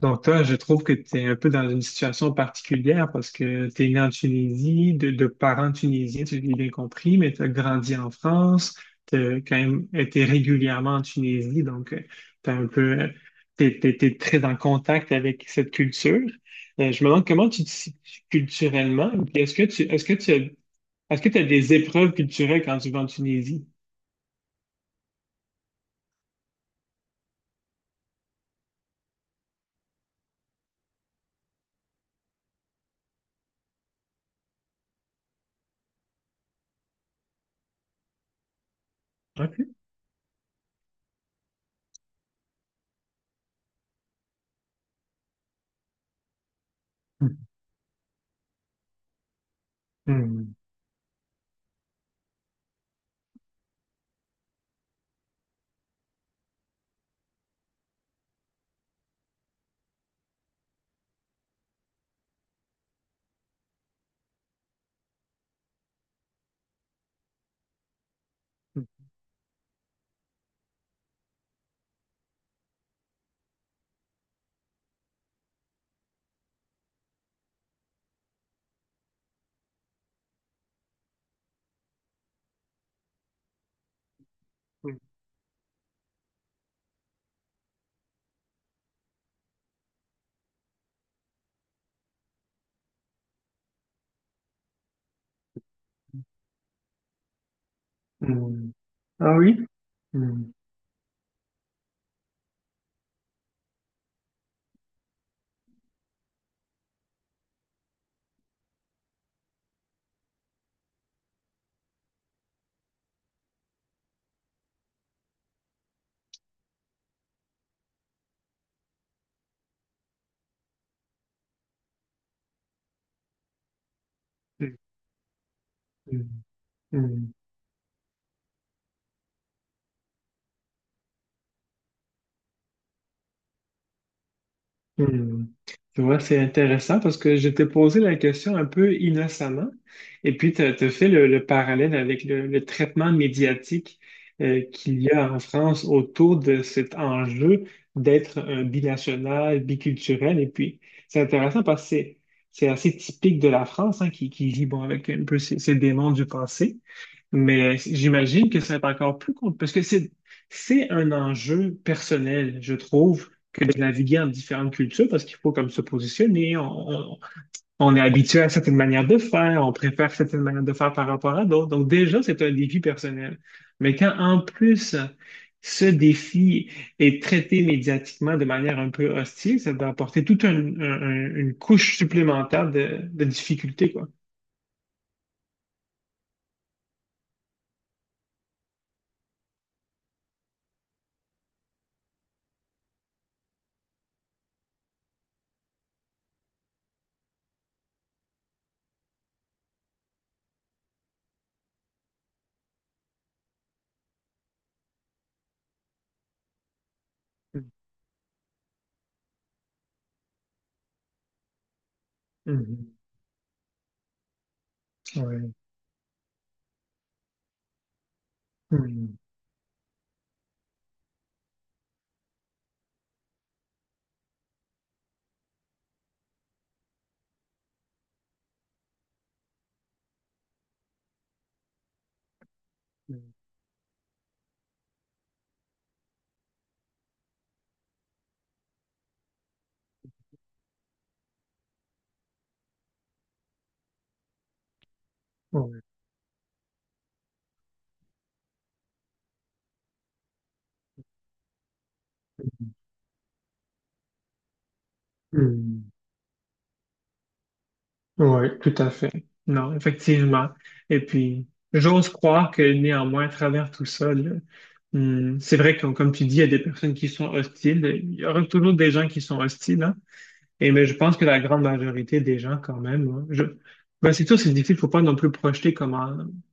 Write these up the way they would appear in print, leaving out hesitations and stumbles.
Donc toi, je trouve que tu es un peu dans une situation particulière parce que tu es né en Tunisie, de parents tunisiens, tu l'as bien compris, mais tu as grandi en France, tu as quand même été régulièrement en Tunisie, donc tu un peu, t'es très en contact avec cette culture. Je me demande comment tu te situes culturellement, et puis est-ce que tu as des épreuves culturelles quand tu vas en Tunisie? Ok. Hmm. Hmm. Hmm. Ah oui? Hmm. Hmm. Hmm. Hmm. Tu vois, c'est intéressant parce que je t'ai posé la question un peu innocemment et puis tu as fait le parallèle avec le traitement médiatique, qu'il y a en France autour de cet enjeu d'être un binational, biculturel. Et puis, c'est intéressant parce que c'est assez typique de la France, hein, qui vit bon, avec un peu ces ses démons du passé. Mais j'imagine que ça va être encore plus compliqué parce que c'est un enjeu personnel, je trouve, que de naviguer en différentes cultures parce qu'il faut comme se positionner. On- on est habitué à certaines manières de faire, on préfère certaines manières de faire par rapport à d'autres. Donc déjà, c'est un défi personnel. Mais quand en plus ce défi est traité médiatiquement de manière un peu hostile, ça va apporter toute un- une couche supplémentaire de difficultés, quoi. Mhm. Ouais. Mhm. Hmm. Oui, tout à fait. Non, effectivement. Et puis, j'ose croire que néanmoins, à travers tout ça, là, c'est vrai que, comme tu dis, il y a des personnes qui sont hostiles. Il y aura toujours des gens qui sont hostiles, hein. Et mais je pense que la grande majorité des gens, quand même, hein, je... Ben, c'est sûr, c'est difficile, faut pas non plus projeter comment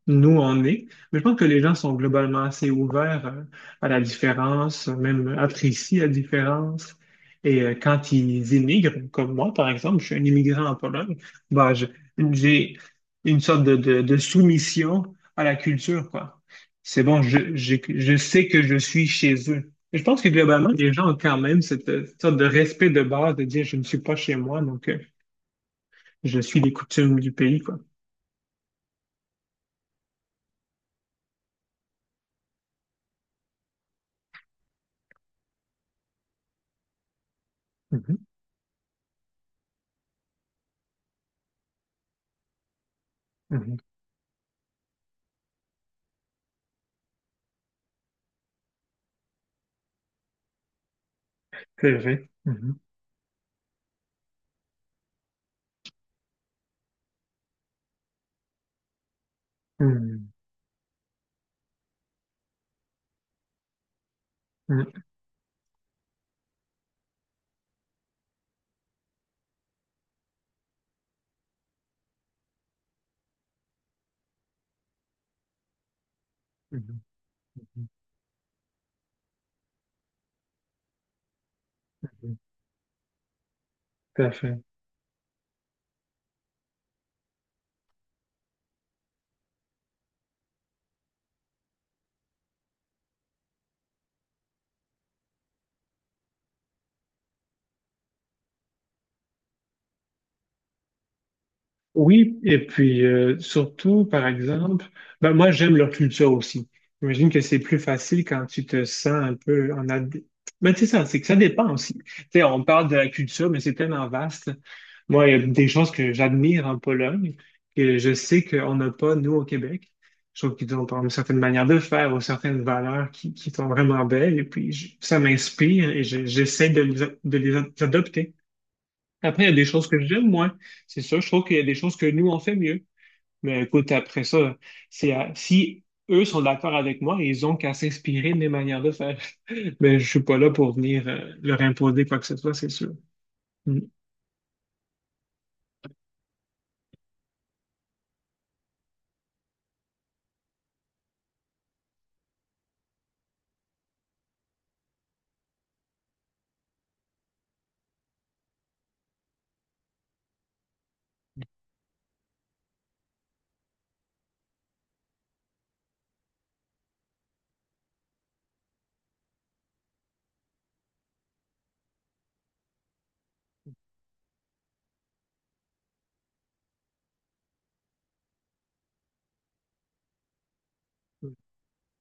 nous on est, mais je pense que les gens sont globalement assez ouverts à la différence, même apprécient la différence. Et quand ils immigrent, comme moi, par exemple, je suis un immigrant en Pologne, ben, j'ai une sorte de, de soumission à la culture, quoi. C'est bon, je sais que je suis chez eux. Je pense que globalement, les gens ont quand même cette sorte de respect de base de dire je ne suis pas chez moi, donc je suis les coutumes du pays, quoi. Mhm, mhm. C'est vrai. Mhm, mhm, mhm, mhm, mhm. Tout à fait. Oui, et puis surtout, par exemple, ben moi j'aime leur culture aussi. J'imagine que c'est plus facile quand tu te sens un peu en ad... Mais tu sais ça, c'est que ça dépend aussi. Tu sais, on parle de la culture, mais c'est tellement vaste. Moi, il y a des choses que j'admire en Pologne, que je sais qu'on n'a pas, nous, au Québec. Je trouve qu'ils ont par exemple une certaine manière de faire ou certaines valeurs qui sont vraiment belles. Et puis, ça m'inspire et j'essaie de de les adopter. Après, il y a des choses que j'aime moins. C'est sûr, je trouve qu'il y a des choses que nous, on fait mieux. Mais écoute, après ça, si eux sont d'accord avec moi, ils ont qu'à s'inspirer de mes manières de faire. Mais je suis pas là pour venir leur imposer quoi que ce soit, c'est sûr. Mm.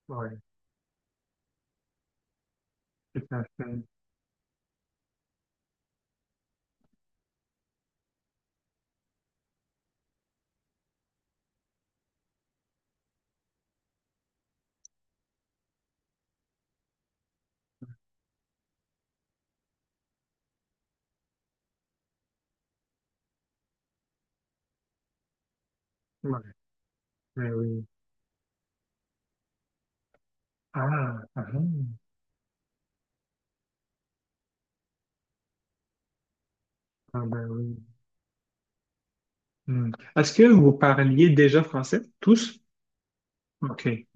Ouais, tout à fait. Ouais, ben oui. Ah, ah, ah, ben oui. Mm. Est-ce que vous parliez déjà français, tous? OK.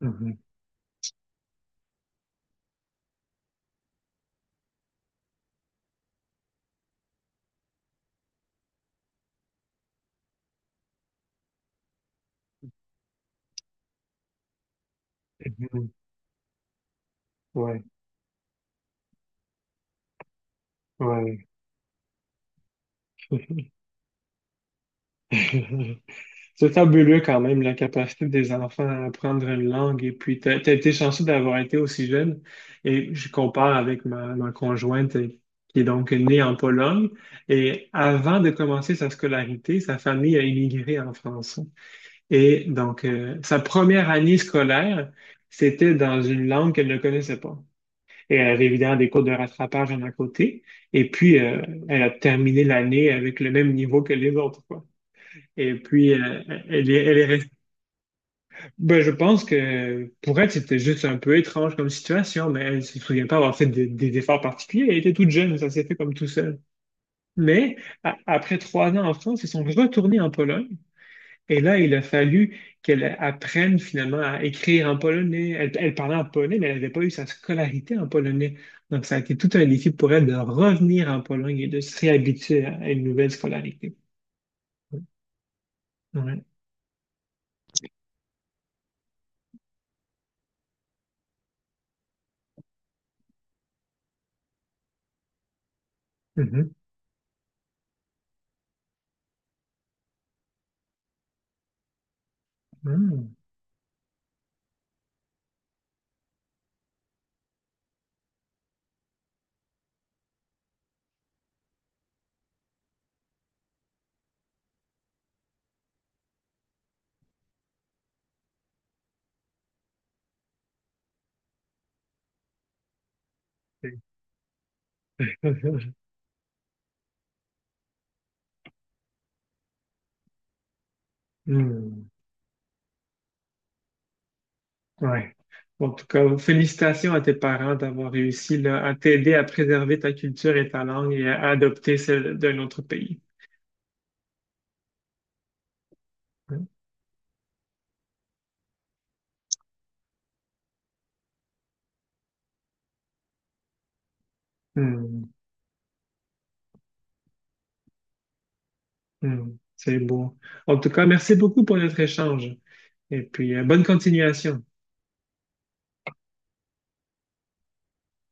Mhm. Mhm. Ouais, ouais. C'est fabuleux quand même la capacité des enfants à apprendre une langue. Et puis, t'as été chanceux d'avoir été aussi jeune. Et je compare avec ma conjointe, qui est donc née en Pologne. Et avant de commencer sa scolarité, sa famille a immigré en France. Et donc, sa première année scolaire, c'était dans une langue qu'elle ne connaissait pas. Et elle avait évidemment des cours de rattrapage en à côté. Et puis, elle a terminé l'année avec le même niveau que les autres, quoi. Et puis, elle est restée. Ben, je pense que pour elle, c'était juste un peu étrange comme situation, mais elle ne se souvient pas avoir fait des efforts particuliers. Elle était toute jeune, ça s'est fait comme tout seul. Mais après 3 ans en France, ils sont retournés en Pologne et là, il a fallu qu'elle apprenne finalement à écrire en polonais. Elle, elle parlait en polonais, mais elle n'avait pas eu sa scolarité en polonais. Donc, ça a été tout un défi pour elle de revenir en Pologne et de se réhabituer à une nouvelle scolarité. Ouais. Mhm. Mhm. Hmm. Ouais. Bon, en tout cas, félicitations à tes parents d'avoir réussi là, à t'aider à préserver ta culture et ta langue et à adopter celle d'un autre pays. Hmm. Hmm. C'est beau. En tout cas, merci beaucoup pour notre échange. Et puis, bonne continuation.